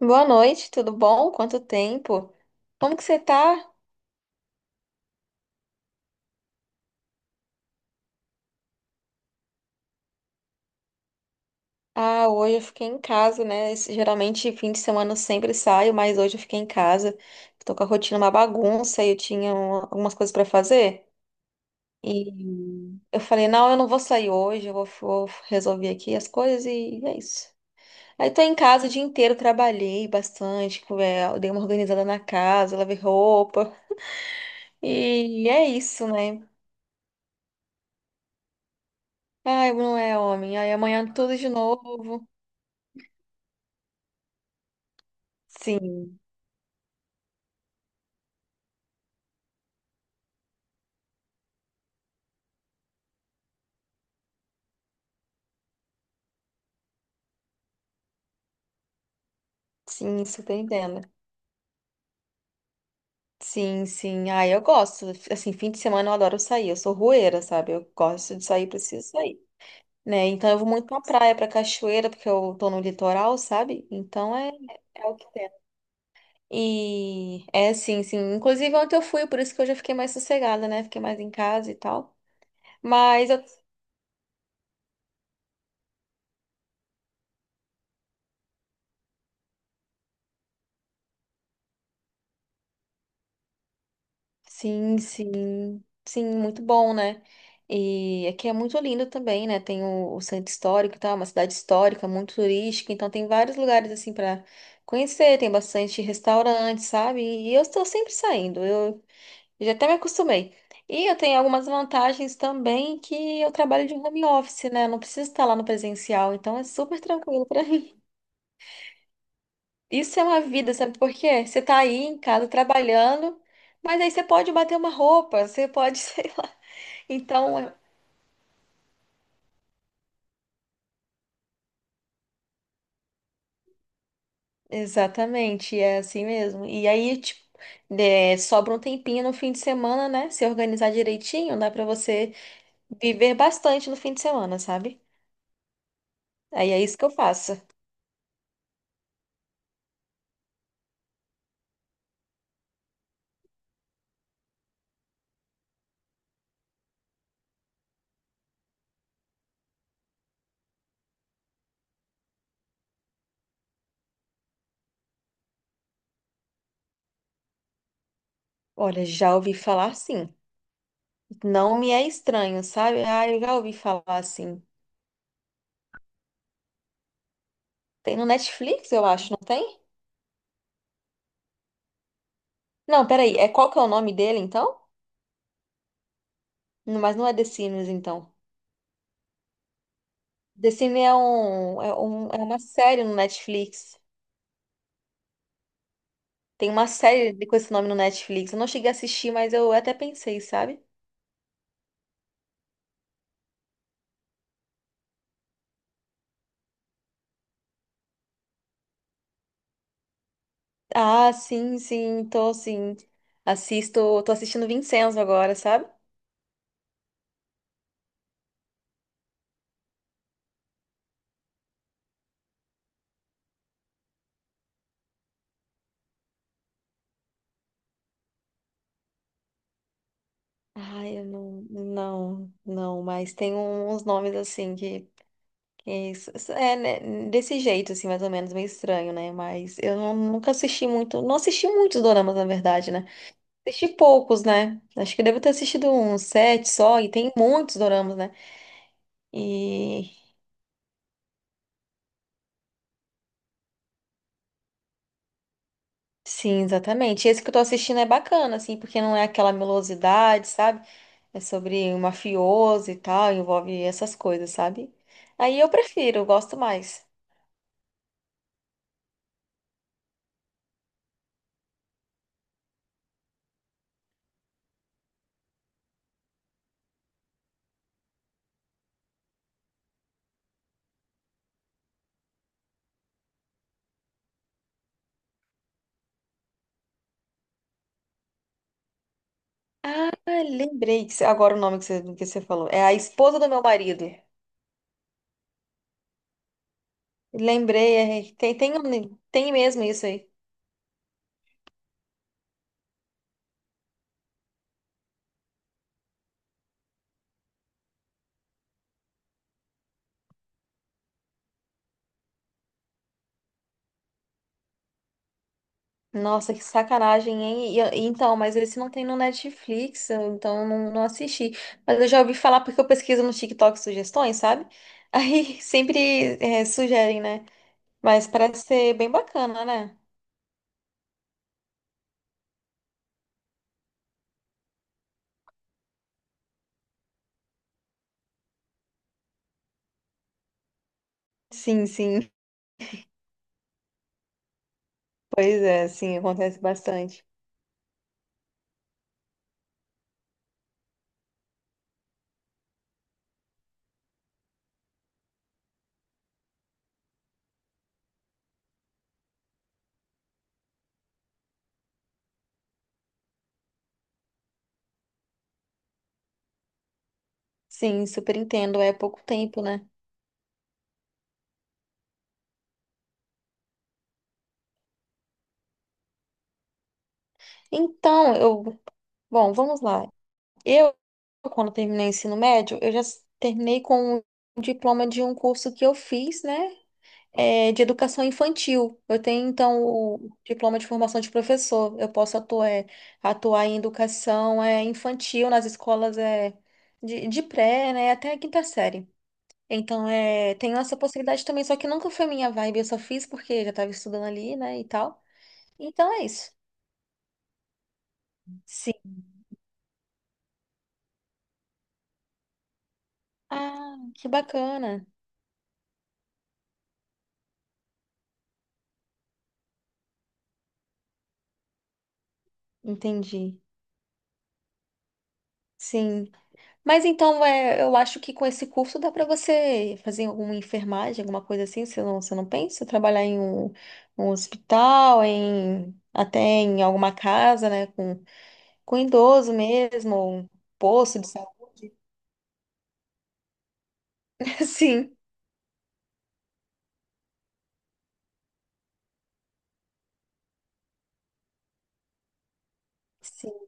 Boa noite, tudo bom? Quanto tempo? Como que você tá? Ah, hoje eu fiquei em casa, né? Geralmente fim de semana eu sempre saio, mas hoje eu fiquei em casa. Tô com a rotina uma bagunça e eu tinha algumas coisas pra fazer. E eu falei, não, eu não vou sair hoje, vou resolver aqui as coisas e é isso. Aí tô em casa o dia inteiro, trabalhei bastante, dei uma organizada na casa, lavei roupa. E é isso, né? Ai, não é homem. Aí amanhã tudo de novo. Sim, sim, super entendo. Sim, sim. Ah, eu gosto. Assim, fim de semana eu adoro sair. Eu sou rueira, sabe? Eu gosto de sair, preciso sair. Né? Então eu vou muito pra praia, pra cachoeira, porque eu tô no litoral, sabe? Então é, é o que tem. E é sim, sim. Inclusive ontem eu fui, por isso que hoje eu fiquei mais sossegada, né? Fiquei mais em casa e tal. Mas eu Sim, sim, sim, muito bom, né? E aqui é muito lindo também, né? Tem o centro histórico e tal, é uma cidade histórica, muito turística, então tem vários lugares assim para conhecer, tem bastante restaurante, sabe? E eu estou sempre saindo, eu já até me acostumei. E eu tenho algumas vantagens também que eu trabalho de home office, né? Eu não preciso estar lá no presencial, então é super tranquilo para mim. Isso é uma vida, sabe por quê? Você tá aí em casa trabalhando, mas aí você pode bater uma roupa, você pode, sei lá, então, é- exatamente, é assim mesmo. E aí, tipo, é, sobra um tempinho no fim de semana, né? Se organizar direitinho, dá pra você viver bastante no fim de semana, sabe? Aí é isso que eu faço. Olha, já ouvi falar assim. Não me é estranho, sabe? Ah, eu já ouvi falar assim. Tem no Netflix, eu acho, não tem? Não, peraí. É qual que é o nome dele, então? Não, mas não é The Sims, então. The Sims é é uma série no Netflix. Tem uma série com esse nome no Netflix. Eu não cheguei a assistir, mas eu até pensei, sabe? Ah, sim, sim, tô sim. Assisto, tô assistindo Vincenzo agora, sabe? Ai, eu não, não, não, mas tem um, uns nomes assim que é né, desse jeito, assim, mais ou menos, meio estranho, né? Mas eu não- nunca assisti muito, não assisti muitos doramas, na verdade, né? Assisti poucos, né? Acho que eu devo ter assistido uns sete só, e tem muitos doramas, né? E Sim, exatamente. Esse que eu tô assistindo é bacana, assim, porque não é aquela melosidade, sabe? É sobre um mafioso e tal, envolve essas coisas, sabe? Aí eu prefiro, eu gosto mais. Ah, lembrei que agora o nome que que você falou. É a esposa do meu marido. Lembrei, é, tem mesmo isso aí. Nossa, que sacanagem, hein? Então, mas esse não tem no Netflix, então eu não, não assisti. Mas eu já ouvi falar porque eu pesquiso no TikTok sugestões, sabe? Aí sempre é, sugerem, né? Mas parece ser bem bacana, né? Sim, sim. Pois é, sim, acontece bastante. Sim, super entendo. É pouco tempo, né? Então, eu. Vamos lá. Eu, quando terminei o ensino médio, terminei com um diploma de um curso que eu fiz, né? É, de educação infantil. Eu tenho, então, o diploma de formação de professor. Eu posso atuar, é, atuar em educação, é, infantil nas escolas, é, de pré, né? Até a quinta série. Então, é, tem essa possibilidade também, só que nunca foi minha vibe, eu só fiz porque já estava estudando ali, né, e tal. Então é isso. Sim. Ah, que bacana. Entendi. Sim. Mas então, é, eu acho que com esse curso dá para você fazer alguma enfermagem, alguma coisa assim, você não pensa? Trabalhar em um, um hospital, em até em alguma casa, né, com idoso mesmo, ou um posto de saúde. Sim. Sim.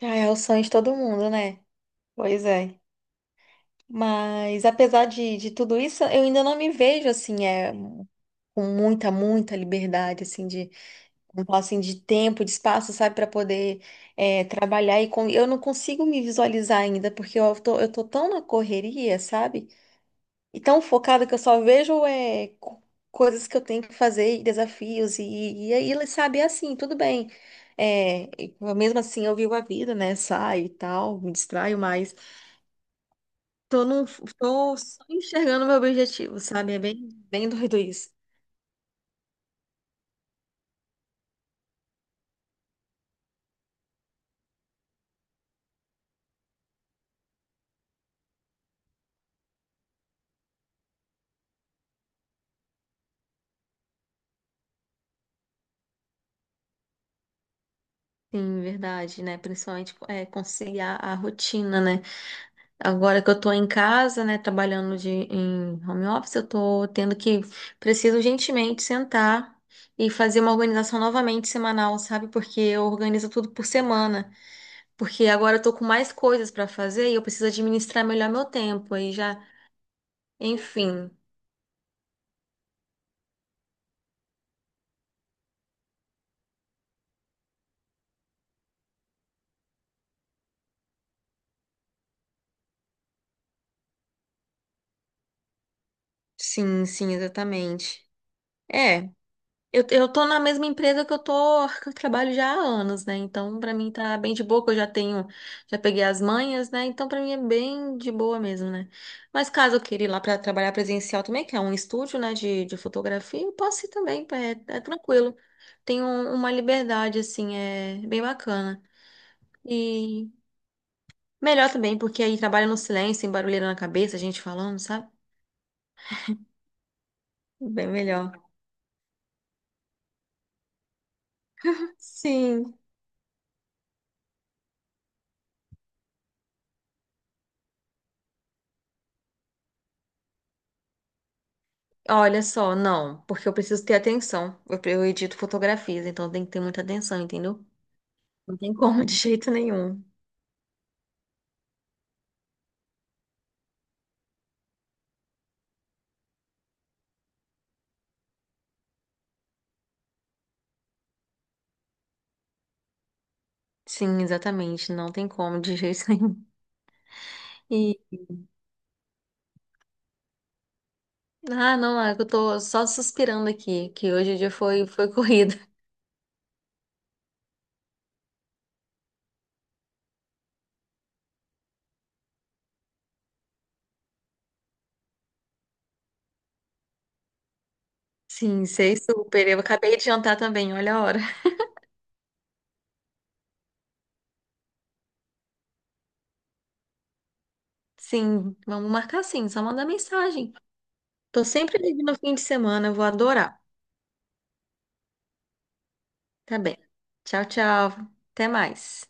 Ah, é o sonho de todo mundo, né? Pois é. Mas apesar de tudo isso, eu ainda não me vejo assim, é, com muita, muita liberdade, assim, de, vamos falar assim, de tempo, de espaço, sabe, para poder é, trabalhar. E com, eu não consigo me visualizar ainda, porque eu tô tão na correria, sabe? E tão focada que eu só vejo é, coisas que eu tenho que fazer, e desafios, e aí, sabe, é assim, tudo bem. É, e mesmo assim, eu vivo a vida, né? Saio e tal, me distraio mais. Tô, num, tô só enxergando meu objetivo, sabe? É bem, bem doido isso. Sim, verdade, né? Principalmente é, conciliar a rotina, né? Agora que eu tô em casa, né, trabalhando de, em home office, eu tô tendo que, preciso urgentemente sentar e fazer uma organização novamente semanal, sabe? Porque eu organizo tudo por semana. Porque agora eu tô com mais coisas pra fazer e eu preciso administrar melhor meu tempo. Aí já, enfim. Sim, sim, exatamente. É. Eu tô na mesma empresa que eu trabalho já há anos, né? Então, pra mim tá bem de boa, que eu já tenho, já peguei as manhas, né? Então, pra mim é bem de boa mesmo, né? Mas caso eu queira ir lá pra trabalhar presencial também, que é um estúdio, né, de fotografia, eu posso ir também, é, é tranquilo. Tem uma liberdade, assim, é bem bacana. E melhor também, porque aí trabalha no silêncio, sem barulheira na cabeça, a gente falando, sabe? Bem melhor. Sim. Olha só, não, porque eu preciso ter atenção. Eu edito fotografias, então tem que ter muita atenção, entendeu? Não tem como, de jeito nenhum. Sim, exatamente, não tem como, de jeito nenhum. E, ah, não, é que eu tô só suspirando aqui, que hoje o dia foi, foi corrido. Sim, sei super. Eu acabei de jantar também, olha a hora. Sim, vamos marcar sim, só mandar mensagem. Tô sempre livre no fim de semana, eu vou adorar. Tá bem. Tchau, tchau. Até mais.